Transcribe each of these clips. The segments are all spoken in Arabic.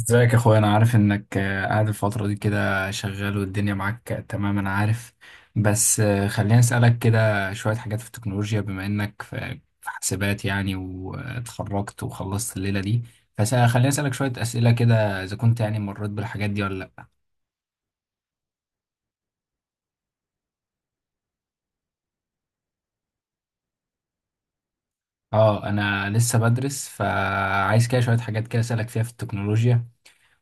ازيك يا اخويا؟ انا عارف انك قاعد الفترة دي كده شغال والدنيا معاك. تمام، انا عارف. بس خليني اسألك كده شوية حاجات في التكنولوجيا، بما انك في حاسبات يعني، واتخرجت وخلصت الليلة دي. فخليني اسألك شوية اسئلة كده اذا كنت يعني مريت بالحاجات دي ولا لا. اه، انا لسه بدرس، فعايز كده شوية حاجات كده اسألك فيها في التكنولوجيا،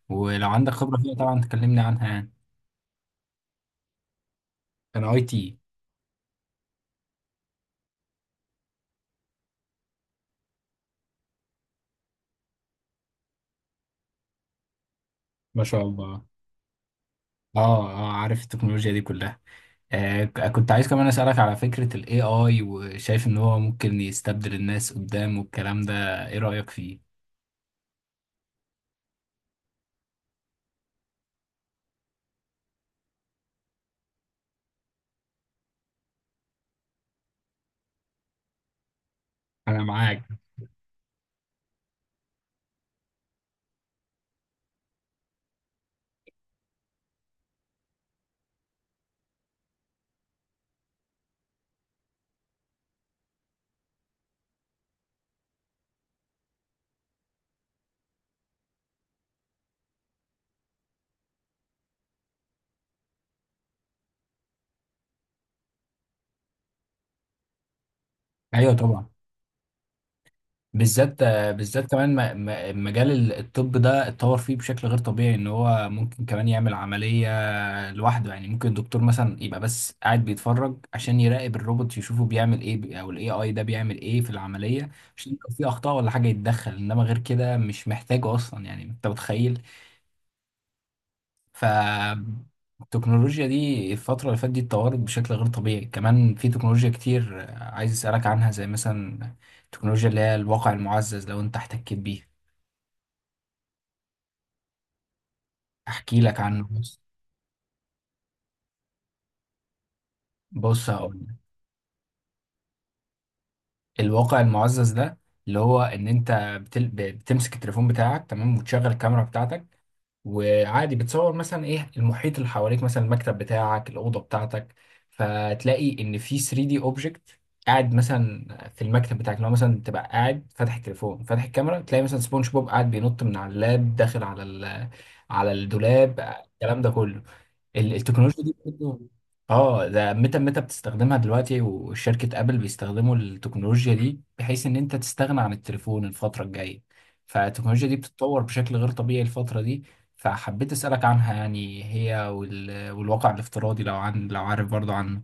ولو عندك خبرة فيها طبعا تكلمني عنها يعني. انا اي تي. ما شاء الله. اه اه، عارف التكنولوجيا دي كلها. كنت عايز كمان أسألك على فكرة ال AI، وشايف إن هو ممكن يستبدل الناس قدام والكلام ده. إيه رأيك فيه؟ أنا معاك. أيوه طبعا. بالذات بالذات كمان مجال الطب ده اتطور فيه بشكل غير طبيعي، إن هو ممكن كمان يعمل عملية لوحده. يعني ممكن الدكتور مثلا يبقى بس قاعد بيتفرج عشان يراقب الروبوت يشوفه بيعمل إيه، أو ال AI ده بيعمل إيه في العملية، عشان لو في أخطاء ولا حاجة يتدخل. إنما غير كده مش محتاجه أصلا، يعني أنت متخيل. فالتكنولوجيا دي الفترة اللي فاتت دي اتطورت بشكل غير طبيعي. كمان في تكنولوجيا كتير عايز أسألك عنها، زي مثلا التكنولوجيا اللي هي الواقع المعزز، لو أنت احتكيت بيه. أحكي لك عنه، بص بص، هقول لك. الواقع المعزز ده اللي هو إن أنت بتمسك التليفون بتاعك، تمام، وتشغل الكاميرا بتاعتك، وعادي بتصور مثلا ايه المحيط اللي حواليك، مثلا المكتب بتاعك، الاوضه بتاعتك، فتلاقي ان في 3 دي اوبجكت قاعد مثلا في المكتب بتاعك. لو مثلا تبقى قاعد فاتح التليفون، فاتح الكاميرا، تلاقي مثلا سبونج بوب قاعد بينط من على اللاب داخل على على الدولاب. الكلام ده كله التكنولوجيا دي برضه. اه، ده ميتا بتستخدمها دلوقتي، وشركة ابل بيستخدموا التكنولوجيا دي، بحيث ان انت تستغنى عن التليفون الفترة الجاية. فالتكنولوجيا دي بتتطور بشكل غير طبيعي الفترة دي. فحبيت اسألك عنها يعني، هي والواقع الافتراضي، لو عارف برضه عنه.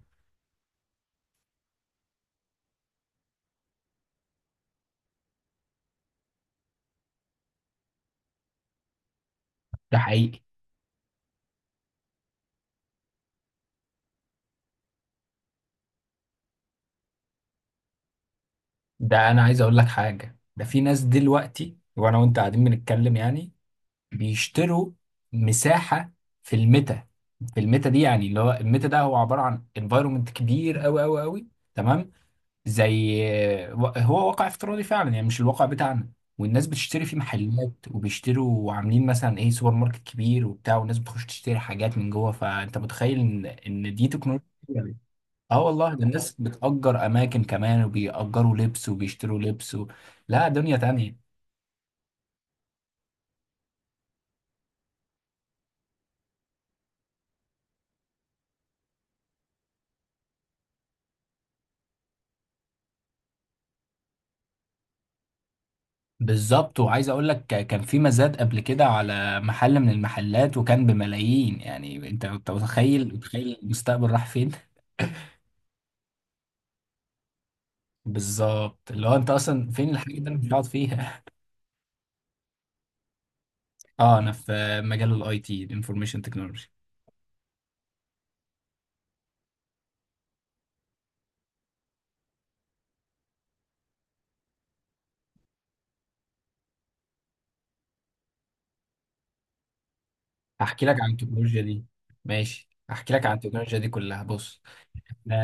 ده حقيقي. ده انا عايز اقول لك حاجة، ده في ناس دلوقتي وانا وانت قاعدين بنتكلم يعني بيشتروا مساحة في الميتا. في الميتا دي يعني، اللي هو الميتا ده هو عبارة عن انفايرومنت كبير قوي قوي قوي، تمام، زي، هو واقع افتراضي فعلا يعني، مش الواقع بتاعنا. والناس بتشتري فيه محلات، وبيشتروا وعاملين مثلا ايه سوبر ماركت كبير وبتاع، والناس بتخش تشتري حاجات من جوه. فانت متخيل ان دي تكنولوجيا يعني. اه والله، ده الناس بتأجر اماكن كمان، وبيأجروا لبس وبيشتروا لبس و... لا، دنيا تانية. بالظبط. وعايز اقول لك، كان في مزاد قبل كده على محل من المحلات، وكان بملايين. يعني انت متخيل المستقبل راح فين. بالظبط، اللي هو انت اصلا فين الحاجه اللي انا مش هقعد فيها. اه، انا في مجال الاي تي، الانفورميشن تكنولوجي. هحكي لك عن التكنولوجيا دي. ماشي، هحكي لك عن التكنولوجيا دي كلها، بص. ده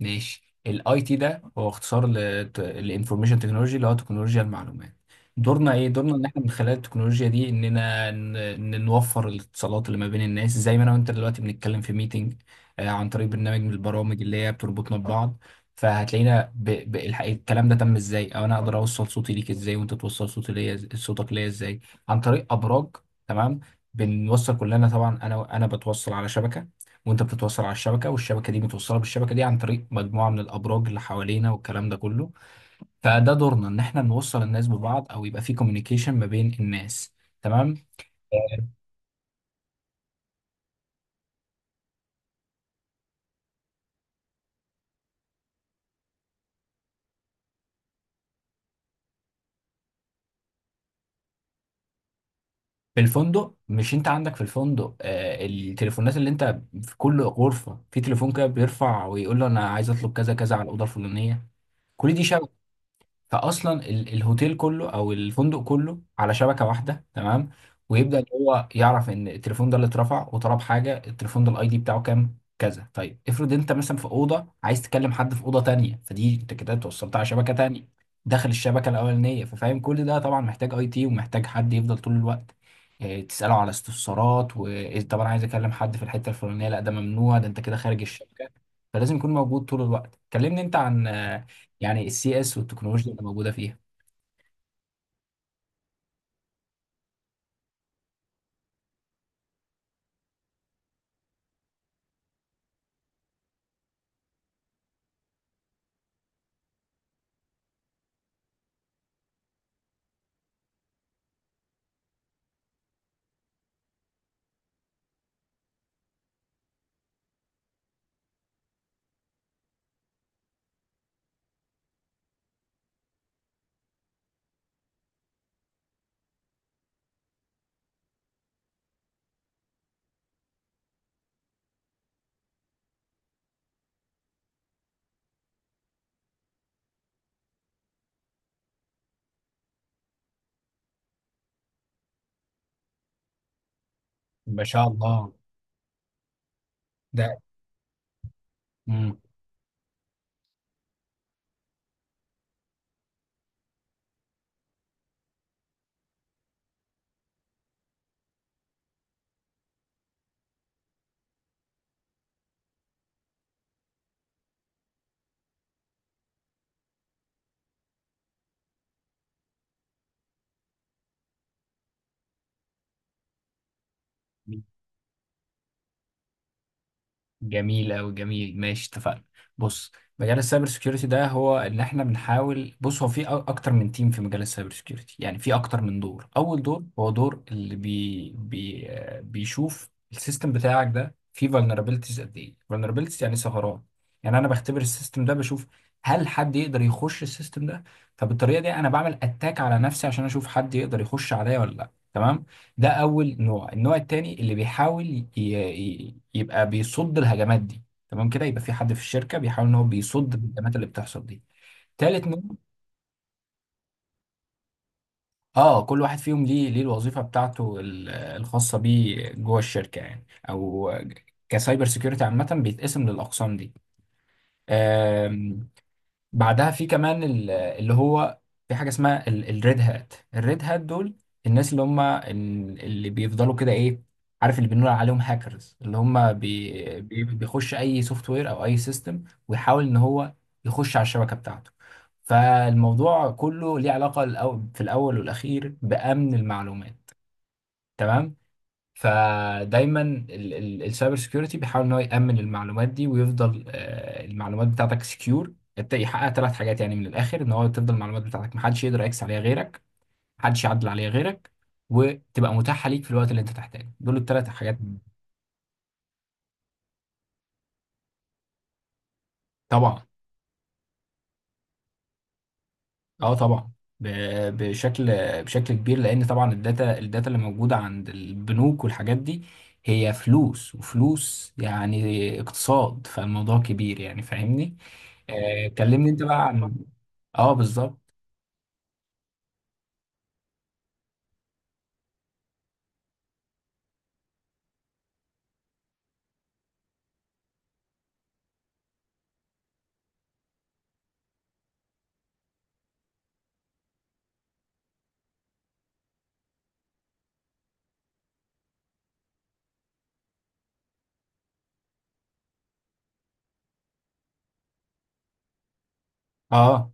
ماشي، الاي تي ده هو اختصار للانفورميشن تكنولوجي، اللي هو تكنولوجيا المعلومات. دورنا ايه؟ دورنا ان احنا من خلال التكنولوجيا دي اننا نوفر الاتصالات اللي ما بين الناس، زي ما انا وانت دلوقتي بنتكلم في ميتنج عن طريق برنامج من البرامج اللي هي بتربطنا ببعض. فهتلاقينا الكلام ده تم ازاي؟ او انا اقدر اوصل صوتي ليك ازاي، وانت توصل صوتي ليا، صوتك ليا ازاي؟ عن طريق ابراج، تمام. بنوصل كلنا طبعا، انا بتوصل على شبكة، وانت بتتوصل على الشبكه، والشبكه دي متوصله بالشبكه دي عن طريق مجموعه من الابراج اللي حوالينا والكلام ده كله. فده دورنا، ان احنا نوصل الناس ببعض، او يبقى في كوميونيكيشن ما بين الناس، تمام. في الفندق، مش انت عندك في الفندق التليفونات، اللي انت في كل غرفة في تليفون كده بيرفع ويقول له انا عايز اطلب كذا كذا على الأوضة الفلانية. كل دي شبكه. فاصلا الهوتيل كله او الفندق كله على شبكه واحده، تمام. ويبدا ان هو يعرف ان التليفون ده اللي اترفع وطلب حاجه، التليفون ده الاي دي بتاعه كام، كذا. طيب افرض انت مثلا في اوضه عايز تكلم حد في اوضه تانية، فدي انت كده توصلت على شبكه تانية داخل الشبكه الاولانيه. ففاهم كل ده طبعا محتاج اي تي، ومحتاج حد يفضل طول الوقت تساله على استفسارات. وطب انا عايز اكلم حد في الحته الفلانيه، لا ده ممنوع، ده انت كده خارج الشبكه. فلازم يكون موجود طول الوقت. كلمني انت عن يعني السي اس والتكنولوجيا اللي موجوده فيها. ما شاء الله. ده مم. جميل أوي، جميل، ماشي، اتفقنا. بص، مجال السايبر سيكيورتي ده، هو ان احنا بنحاول، بص هو في اكتر من تيم في مجال السايبر سيكيورتي. يعني في اكتر من دور. اول دور هو دور اللي بي بي آه، بيشوف السيستم بتاعك ده فيه vulnerabilities قد ايه. vulnerabilities يعني ثغرات. يعني انا بختبر السيستم ده، بشوف هل حد يقدر يخش السيستم ده. فبالطريقه دي انا بعمل اتاك على نفسي، عشان اشوف حد يقدر يخش عليا ولا لا، تمام. ده اول نوع. النوع التاني اللي بيحاول يبقى بيصد الهجمات دي، تمام كده، يبقى في حد في الشركه بيحاول ان هو بيصد الهجمات اللي بتحصل دي. تالت نوع. اه، كل واحد فيهم ليه الوظيفه بتاعته الخاصه بيه جوه الشركه يعني، او كسايبر سيكيورتي عامه بيتقسم للاقسام دي. بعدها في كمان اللي هو في حاجه اسمها الريد هات. الريد هات دول الناس اللي هم اللي بيفضلوا كده ايه، عارف، اللي بنقول عليهم هاكرز، اللي هم بيخش اي سوفت وير او اي سيستم، ويحاول ان هو يخش على الشبكه بتاعته. فالموضوع كله ليه علاقه في الاول والاخير بامن المعلومات، تمام. فدايما السايبر سيكيورتي بيحاول ان هو يامن المعلومات دي، ويفضل المعلومات بتاعتك سكيور. يحقق ثلاث حاجات يعني من الاخر، ان هو تفضل المعلومات بتاعتك محدش يقدر يكس عليها غيرك، محدش يعدل عليها غيرك، وتبقى متاحه ليك في الوقت اللي انت تحتاجه. دول الثلاث حاجات. طبعا. اه طبعا، ب- بشكل بشكل كبير، لان طبعا الداتا اللي موجوده عند البنوك والحاجات دي هي فلوس، وفلوس يعني اقتصاد. فالموضوع كبير يعني فاهمني. آه، كلمني انت بقى عن. اه بالظبط. اه،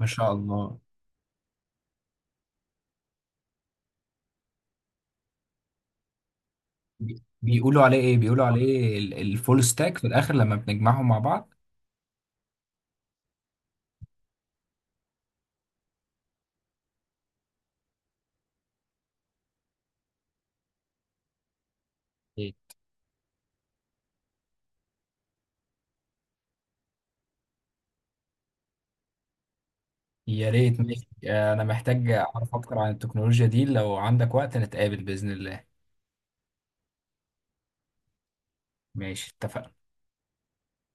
ما شاء الله. بيقولوا عليه ايه، بيقولوا عليه الفول ستاك في الاخر لما بنجمعهم مع بعض. إيه. يا ريت، ماشي، انا محتاج اعرف اكتر عن التكنولوجيا دي، لو عندك وقت نتقابل باذن الله. ماشي، اتفقنا.